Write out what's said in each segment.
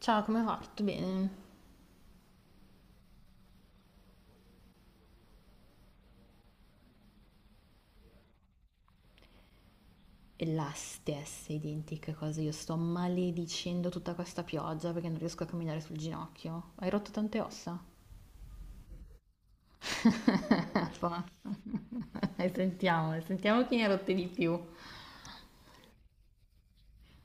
Ciao, come va? Tutto bene? E la stessa identica cosa, io sto maledicendo tutta questa pioggia perché non riesco a camminare sul ginocchio. Hai rotto tante ossa? Fa. E sentiamo, sentiamo chi ne ha rotte di più.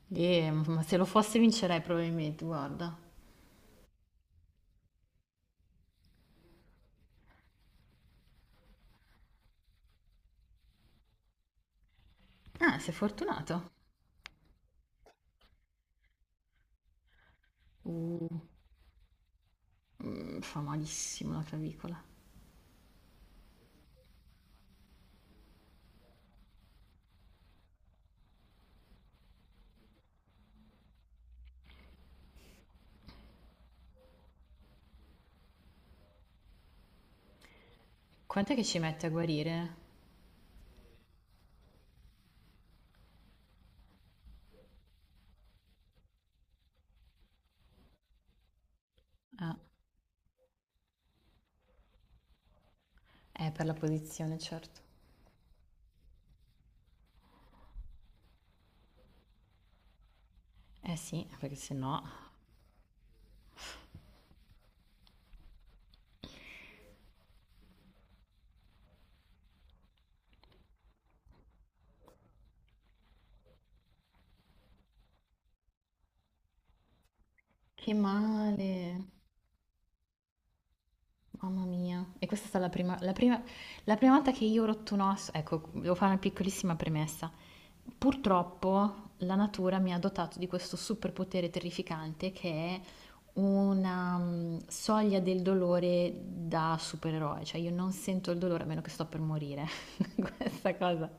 E, ma se lo fosse vincerei probabilmente, guarda. Ah, sei fortunato. Uh, Fa malissimo la clavicola. Quant'è che ci mette a guarire? Ah, è per la posizione, certo. Eh sì, perché se no. Che male. Mamma mia, e questa è stata la prima volta che io ho rotto un osso. Ecco, devo fare una piccolissima premessa. Purtroppo la natura mi ha dotato di questo superpotere terrificante che è una soglia del dolore da supereroe, cioè io non sento il dolore a meno che sto per morire. Questa cosa.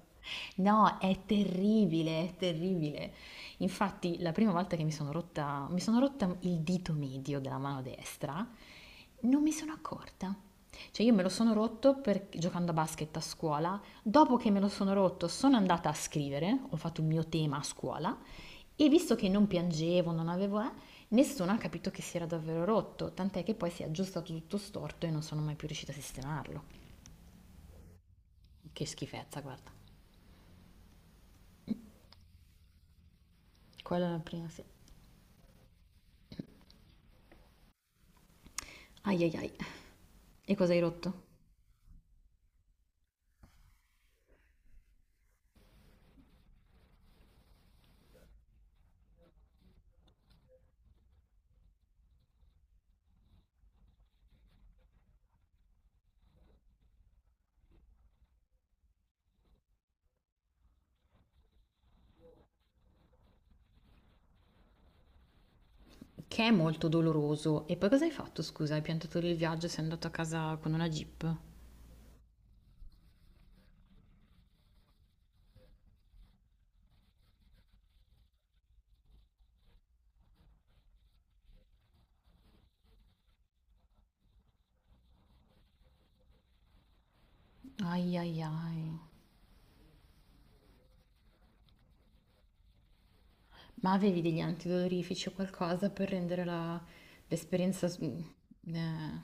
No, è terribile, è terribile. Infatti, la prima volta che mi sono rotta il dito medio della mano destra, non mi sono accorta. Cioè, io me lo sono rotto giocando a basket a scuola. Dopo che me lo sono rotto, sono andata a scrivere, ho fatto il mio tema a scuola e visto che non piangevo, non avevo, nessuno ha capito che si era davvero rotto, tant'è che poi si è aggiustato tutto storto e non sono mai più riuscita a sistemarlo. Che schifezza, guarda. Quella è la prima, sì. Ai ai ai. E cosa hai rotto? Che è molto doloroso. E poi cosa hai fatto, scusa? Hai piantato lì il viaggio e sei andato a casa con una jeep? Ai ai ai. Ma avevi degli antidolorifici o qualcosa per rendere l'esperienza,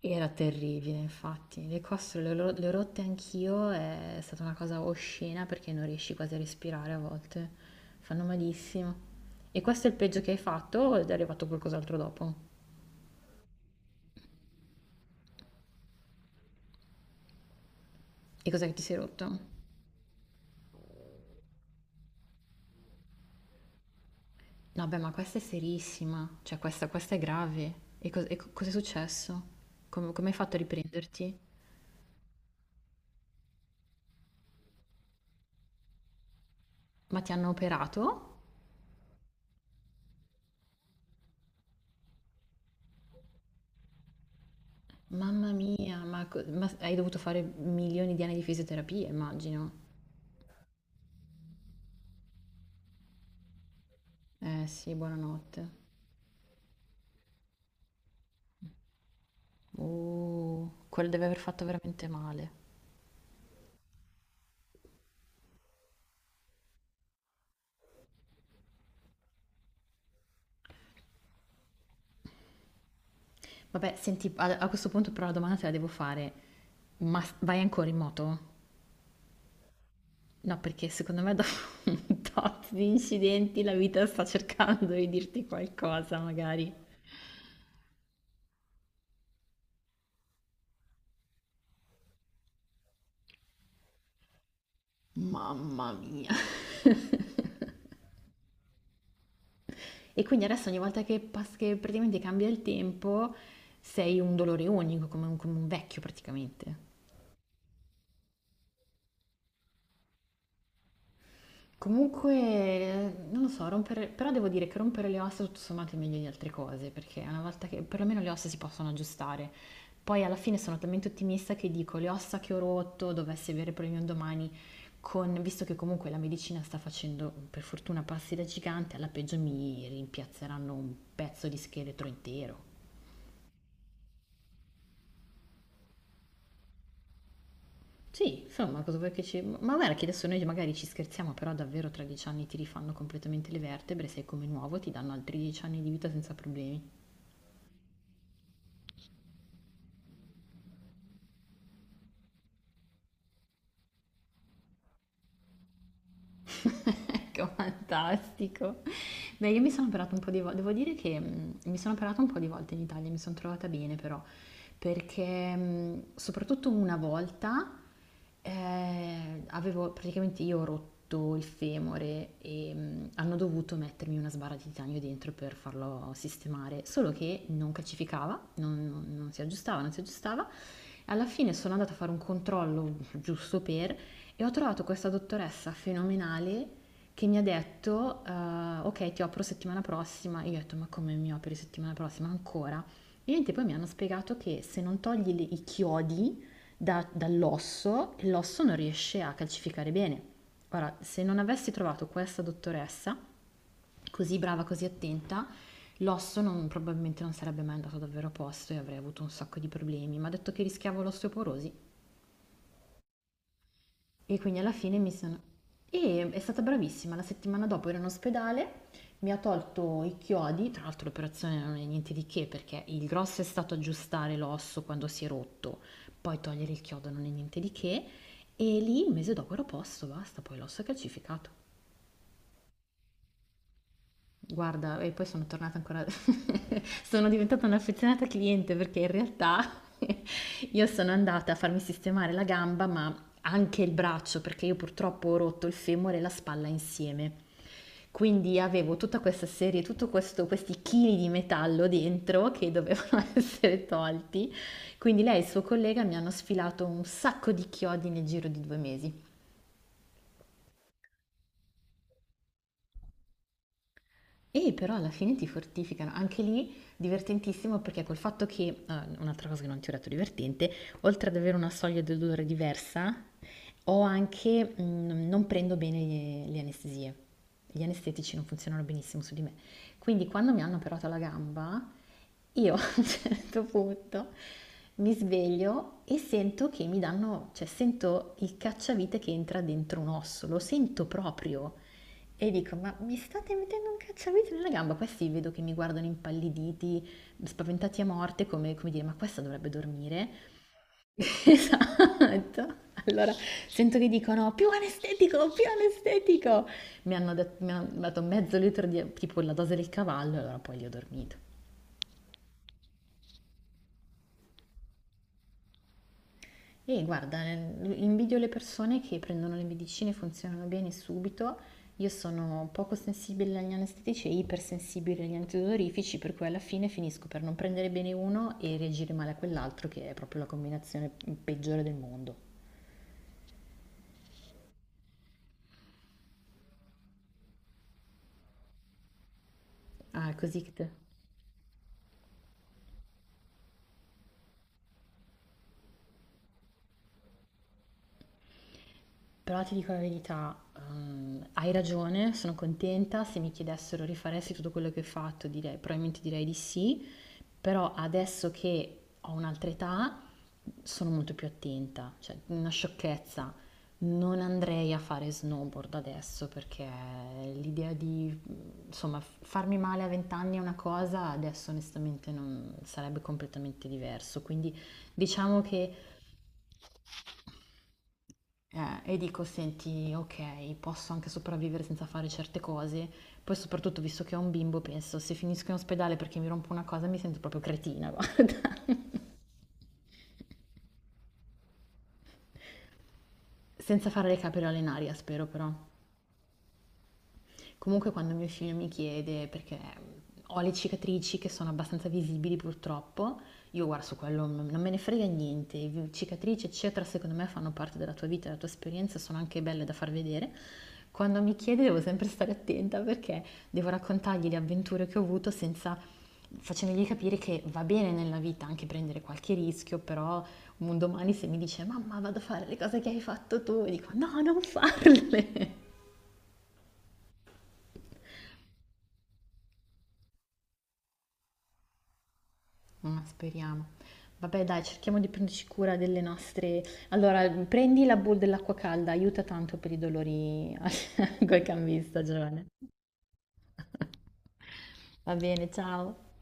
era terribile, infatti. Le costole le ho rotte anch'io, è stata una cosa oscena perché non riesci quasi a respirare a volte. Fanno malissimo. E questo è il peggio che hai fatto o è arrivato qualcos'altro dopo? E cos'è che ti sei rotto? No, beh, ma questa è serissima, cioè questa, è grave. E, cos'è successo? Come hai fatto a riprenderti? Ma ti hanno operato? Mamma mia, ma, ma hai dovuto fare milioni di anni di fisioterapia, immagino. Eh sì, buonanotte. Quello deve aver fatto veramente male. Vabbè, senti, a questo punto però la domanda te la devo fare. Ma vai ancora in moto? No, perché secondo me dopo un tot di incidenti la vita sta cercando di dirti qualcosa, magari. Mamma mia. E quindi adesso ogni volta che, che praticamente cambia il tempo sei un dolore unico, come un vecchio praticamente. Comunque, non lo so, rompere, però devo dire che rompere le ossa tutto sommato è meglio di altre cose, perché una volta che perlomeno le ossa si possono aggiustare. Poi alla fine sono talmente ottimista che dico le ossa che ho rotto, dovessi avere problemi un domani, visto che comunque la medicina sta facendo per fortuna passi da gigante, alla peggio mi rimpiazzeranno un pezzo di scheletro intero. Sì, insomma, cosa vuoi che ci. Ma guarda che adesso noi magari ci scherziamo, però davvero tra 10 anni ti rifanno completamente le vertebre, sei come nuovo, ti danno altri 10 anni di vita senza problemi. Ecco, fantastico. Beh, io mi sono operata un po' di volte, devo dire che mi sono operata un po' di volte in Italia, mi sono trovata bene però, perché soprattutto una volta avevo praticamente io ho rotto il femore e hanno dovuto mettermi una sbarra di titanio dentro per farlo sistemare, solo che non calcificava, non si aggiustava, non si aggiustava. Alla fine sono andata a fare un controllo giusto per e ho trovato questa dottoressa fenomenale che mi ha detto, ok, ti opero settimana prossima. Io ho detto, ma come mi operi settimana prossima? Ancora? E niente, poi mi hanno spiegato che se non togli i chiodi dall'osso, l'osso non riesce a calcificare bene. Ora, se non avessi trovato questa dottoressa, così brava, così attenta, l'osso probabilmente non sarebbe mai andato davvero a posto e avrei avuto un sacco di problemi. Mi ha detto che rischiavo l'osteoporosi e quindi alla fine mi sono. E è stata bravissima, la settimana dopo ero in ospedale, mi ha tolto i chiodi, tra l'altro l'operazione non è niente di che perché il grosso è stato aggiustare l'osso quando si è rotto, poi togliere il chiodo non è niente di che, e lì un mese dopo ero a posto, basta, poi l'osso è calcificato. Guarda, e poi sono tornata ancora sono diventata un'affezionata cliente perché in realtà io sono andata a farmi sistemare la gamba, ma anche il braccio, perché io purtroppo ho rotto il femore e la spalla insieme. Quindi avevo tutta questa serie, questi chili di metallo dentro che dovevano essere tolti. Quindi lei e il suo collega mi hanno sfilato un sacco di chiodi nel giro di 2 mesi. E però alla fine ti fortificano, anche lì divertentissimo perché col fatto che, ah, un'altra cosa che non ti ho detto divertente, oltre ad avere una soglia di dolore diversa, ho anche, non prendo bene le anestesie, gli anestetici non funzionano benissimo su di me, quindi quando mi hanno operato la gamba io a un certo punto mi sveglio e sento che mi danno, cioè sento il cacciavite che entra dentro un osso, lo sento proprio. E dico, ma mi state mettendo un cacciavite nella gamba? Questi vedo che mi guardano impalliditi, spaventati a morte, come, dire, ma questa dovrebbe dormire. Esatto. Allora sento che dicono, più anestetico, più anestetico. Mi hanno dato mezzo litro di, tipo la dose del cavallo, e allora poi li ho dormito. E guarda, invidio le persone che prendono le medicine, funzionano bene subito. Io sono poco sensibile agli anestetici e ipersensibile agli antidolorifici, per cui alla fine finisco per non prendere bene uno e reagire male a quell'altro, che è proprio la combinazione peggiore del mondo. Ah, è così che te. Però ti dico la verità, hai ragione, sono contenta. Se mi chiedessero rifaresti tutto quello che ho fatto, direi, probabilmente direi di sì, però adesso che ho un'altra età sono molto più attenta, cioè una sciocchezza. Non andrei a fare snowboard adesso perché l'idea di, insomma, farmi male a 20 anni è una cosa, adesso onestamente non sarebbe completamente diverso. Quindi diciamo che e dico, senti, ok, posso anche sopravvivere senza fare certe cose. Poi soprattutto, visto che ho un bimbo, penso, se finisco in ospedale perché mi rompo una cosa, mi sento proprio cretina, guarda. Senza fare le capriole in aria, spero però. Comunque quando mio figlio mi chiede, perché ho le cicatrici che sono abbastanza visibili purtroppo, io guarda su quello non me ne frega niente, cicatrici eccetera secondo me fanno parte della tua vita, della tua esperienza, sono anche belle da far vedere. Quando mi chiede devo sempre stare attenta perché devo raccontargli le avventure che ho avuto senza facendogli capire che va bene nella vita anche prendere qualche rischio, però un domani se mi dice mamma vado a fare le cose che hai fatto tu, dico no, non farle. Ma speriamo. Vabbè, dai, cerchiamo di prenderci cura delle nostre. Allora, prendi la bowl dell'acqua calda, aiuta tanto per i dolori al cambista, Giovanni. Va bene, ciao.